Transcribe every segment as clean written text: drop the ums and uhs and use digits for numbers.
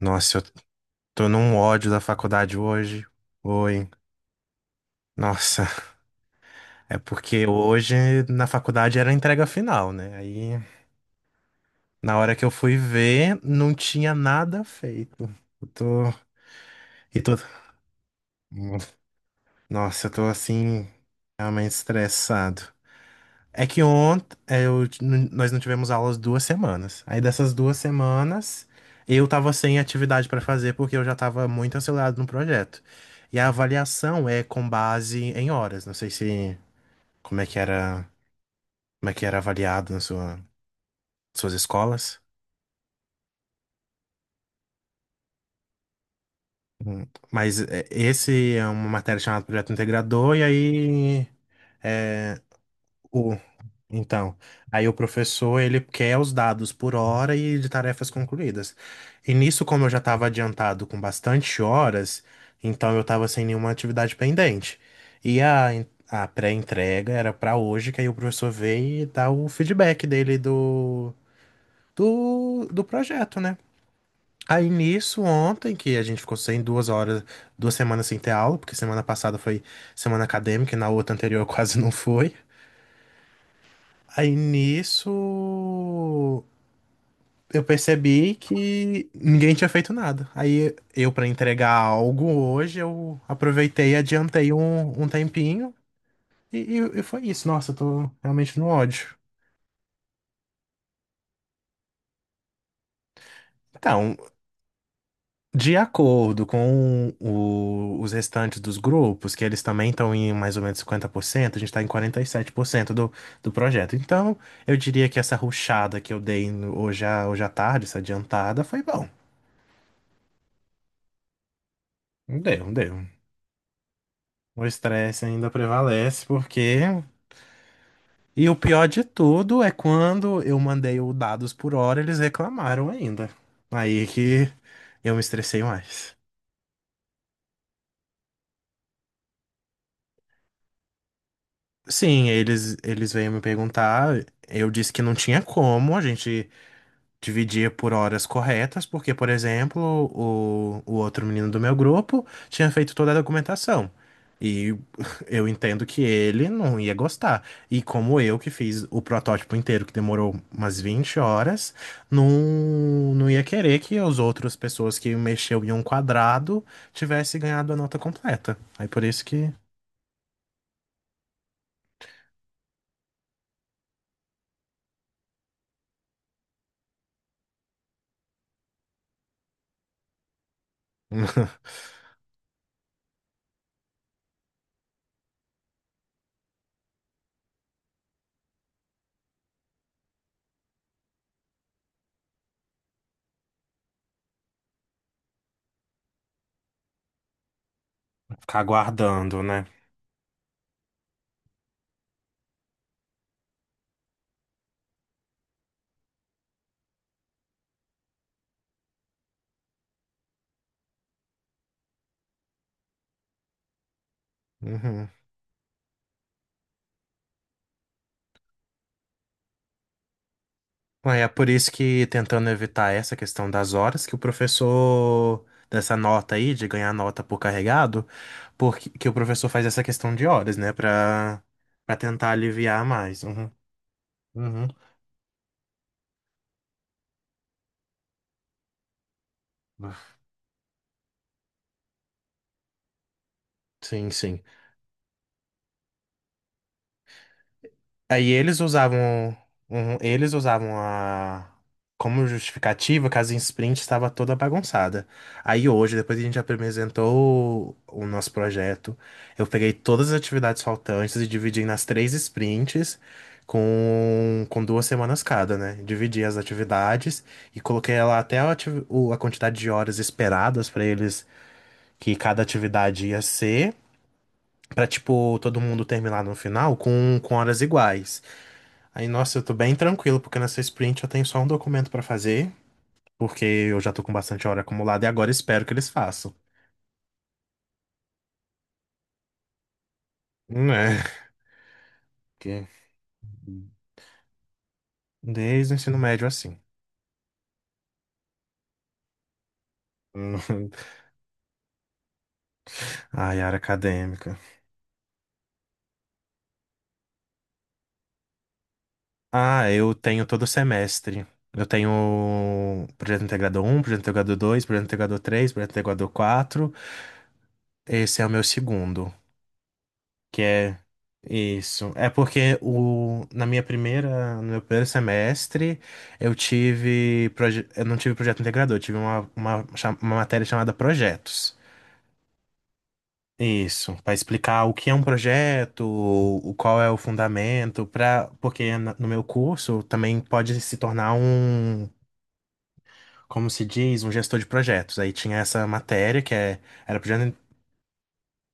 Nossa, eu tô num ódio da faculdade hoje. Oi. Nossa, é porque hoje na faculdade era a entrega final, né? Aí na hora que eu fui ver, não tinha nada feito. Eu tô. E tô... Nossa, eu tô assim, realmente estressado. É que ontem eu, nós não tivemos aulas duas semanas. Aí dessas duas semanas eu tava sem atividade para fazer porque eu já tava muito acelerado no projeto. E a avaliação é com base em horas. Não sei se como é que era, como é que era avaliado nas suas escolas. Hum. Mas é, esse é uma matéria chamada Projeto Integrador, e aí o, então, aí o professor, ele quer os dados por hora e de tarefas concluídas. E nisso, como eu já estava adiantado com bastante horas, então eu estava sem nenhuma atividade pendente. E a pré-entrega era para hoje, que aí o professor veio e dá o feedback dele do projeto, né? Aí nisso, ontem, que a gente ficou sem duas horas, duas semanas sem ter aula, porque semana passada foi semana acadêmica e na outra anterior quase não foi. Aí nisso, eu percebi que ninguém tinha feito nada. Aí eu, pra entregar algo hoje, eu aproveitei, adiantei um tempinho e, e foi isso. Nossa, eu tô realmente no ódio. Então, de acordo com os restantes dos grupos, que eles também estão em mais ou menos 50%, a gente está em 47% do projeto. Então, eu diria que essa rushada que eu dei hoje à, hoje à tarde, essa adiantada, foi bom. Deu, deu. O estresse ainda prevalece porque e o pior de tudo é quando eu mandei o dados por hora, eles reclamaram ainda. Aí é que eu me estressei mais. Sim, eles veio me perguntar, eu disse que não tinha como, a gente dividia por horas corretas, porque, por exemplo, o outro menino do meu grupo tinha feito toda a documentação. E eu entendo que ele não ia gostar. E como eu que fiz o protótipo inteiro, que demorou umas 20 horas, não, não ia querer que as outras pessoas que mexeu em um quadrado tivesse ganhado a nota completa. Aí por isso que ficar aguardando, né? Uhum. Ué, é por isso que tentando evitar essa questão das horas, que o professor dessa nota aí, de ganhar nota por carregado, porque que o professor faz essa questão de horas, né? Pra tentar aliviar mais. Uhum, uhum. Sim, sim. Aí eles usavam, um- Eles usavam a como justificativa que a Zin Sprint estava toda bagunçada. Aí hoje, depois que a gente apresentou o nosso projeto, eu peguei todas as atividades faltantes e dividi nas três sprints com duas semanas cada, né? Dividi as atividades e coloquei lá até a quantidade de horas esperadas para eles que cada atividade ia ser, para tipo todo mundo terminar no final com horas iguais. Aí, nossa, eu tô bem tranquilo, porque nessa sprint eu tenho só um documento pra fazer, porque eu já tô com bastante hora acumulada e agora espero que eles façam. Né? Porque desde o ensino médio assim. Ai, área acadêmica. Ah, eu tenho todo semestre. Eu tenho projeto integrador um, projeto integrador 2, projeto integrador 3, projeto integrador 4. Esse é o meu segundo. Que é isso. É porque o, na minha primeira, no meu primeiro semestre, eu não tive projeto integrador, eu tive uma matéria chamada projetos. Isso, para explicar o que é um projeto, o qual é o fundamento, para porque no meu curso também pode se tornar um, como se diz, um gestor de projetos. Aí tinha essa matéria que é, era projeto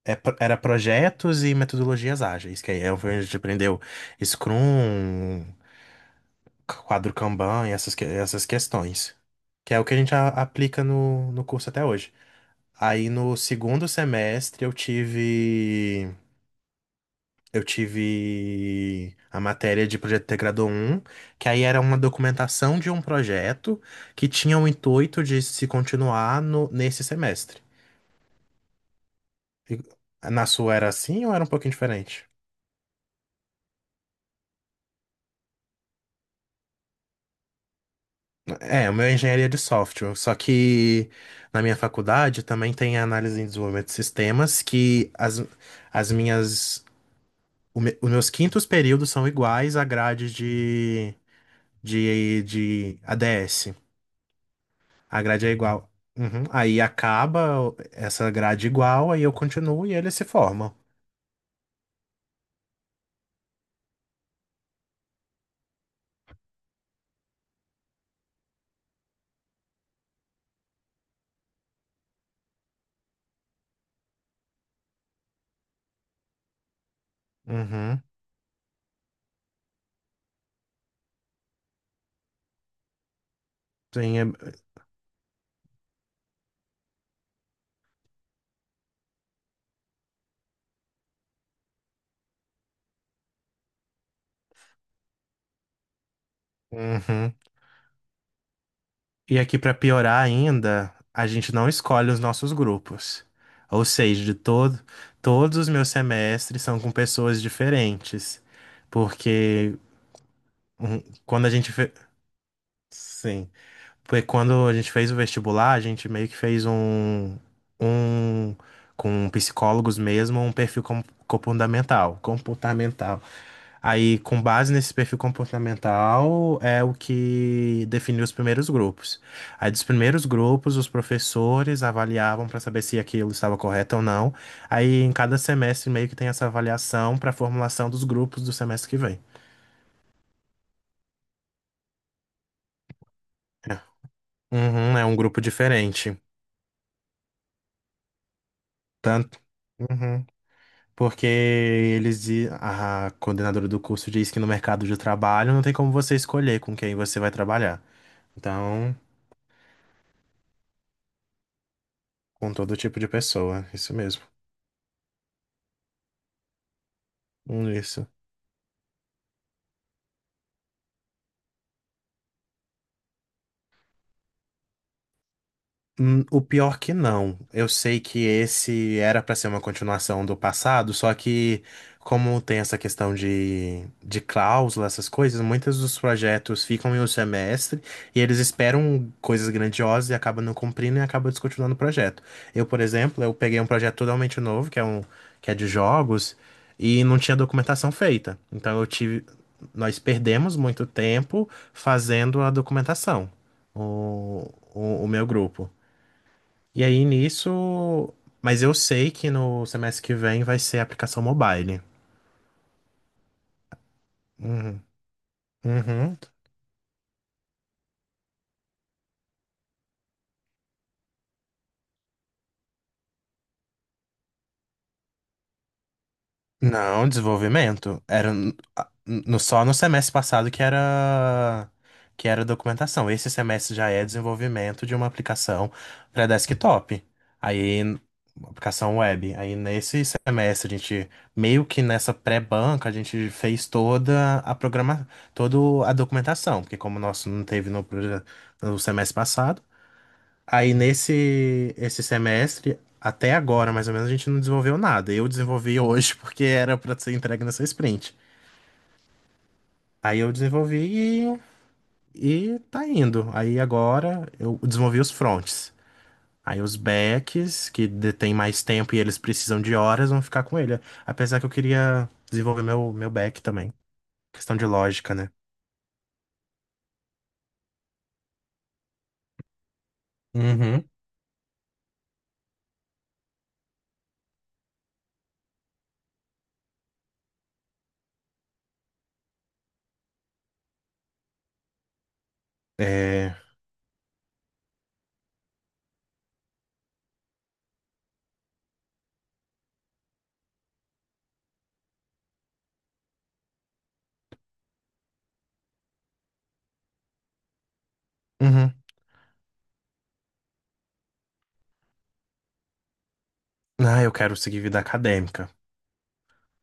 Era projetos e metodologias ágeis, que aí é onde a gente aprendeu Scrum, quadro Kanban e essas, essas questões. Que é o que a gente aplica no curso até hoje. Aí no segundo semestre eu tive. Eu tive a matéria de projeto integrado um que aí era uma documentação de um projeto que tinha o intuito de se continuar no, nesse semestre. E- Na sua era assim ou era um pouquinho diferente? É, o meu é engenharia de software, só que na minha faculdade também tem análise em desenvolvimento de sistemas, que as minhas, os meus quintos períodos são iguais à grade de ADS. A grade é igual. Uhum. Aí acaba essa grade igual, aí eu continuo e eles se formam. Uhum. Sim, é- uhum. E aqui pra piorar ainda, a gente não escolhe os nossos grupos. Ou seja, de todo, todos os meus semestres são com pessoas diferentes, porque um, quando a gente fe... sim, porque quando a gente fez o vestibular, a gente meio que fez um um com psicólogos mesmo, um perfil comportamental, comportamental. Aí, com base nesse perfil comportamental, é o que definiu os primeiros grupos. Aí, dos primeiros grupos, os professores avaliavam para saber se aquilo estava correto ou não. Aí, em cada semestre, meio que tem essa avaliação para a formulação dos grupos do semestre que vem. É. Uhum, é um grupo diferente. Tanto. Uhum. Porque eles, a coordenadora do curso diz que no mercado de trabalho não tem como você escolher com quem você vai trabalhar. Então, com todo tipo de pessoa, isso mesmo. Isso. O pior que não. Eu sei que esse era pra ser uma continuação do passado, só que como tem essa questão de cláusula, essas coisas, muitos dos projetos ficam em um semestre e eles esperam coisas grandiosas e acabam não cumprindo e acabam descontinuando o projeto. Eu, por exemplo, eu peguei um projeto totalmente novo, que é um que é de jogos, e não tinha documentação feita. Então eu tive, nós perdemos muito tempo fazendo a documentação. O meu grupo. E aí nisso. Mas eu sei que no semestre que vem vai ser aplicação mobile. Uhum. Uhum. Não, desenvolvimento. Era n- a- no, Só no semestre passado que era documentação. Esse semestre já é desenvolvimento de uma aplicação para desktop. Aí, uma aplicação web. Aí nesse semestre a gente meio que nessa pré-banca a gente fez toda a programa, toda a documentação, porque como o nosso não teve no semestre passado, aí nesse esse semestre, até agora, mais ou menos, a gente não desenvolveu nada. Eu desenvolvi hoje porque era pra ser entregue nessa sprint. Aí eu desenvolvi e tá indo. Aí agora eu desenvolvi os fronts. Aí os backs, que detêm mais tempo e eles precisam de horas, vão ficar com ele. Apesar que eu queria desenvolver meu back também. Questão de lógica, né? Uhum. É... Uhum. Ah, eu quero seguir vida acadêmica.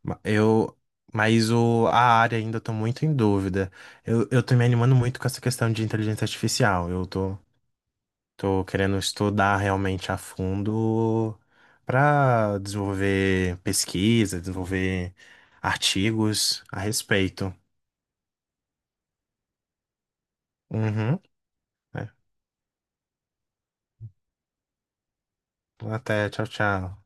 Ma- mas o, a área ainda eu tô muito em dúvida. Eu tô me animando muito com essa questão de inteligência artificial. Eu tô, tô querendo estudar realmente a fundo para desenvolver pesquisa, desenvolver artigos a respeito. Uhum. É. Até, tchau, tchau.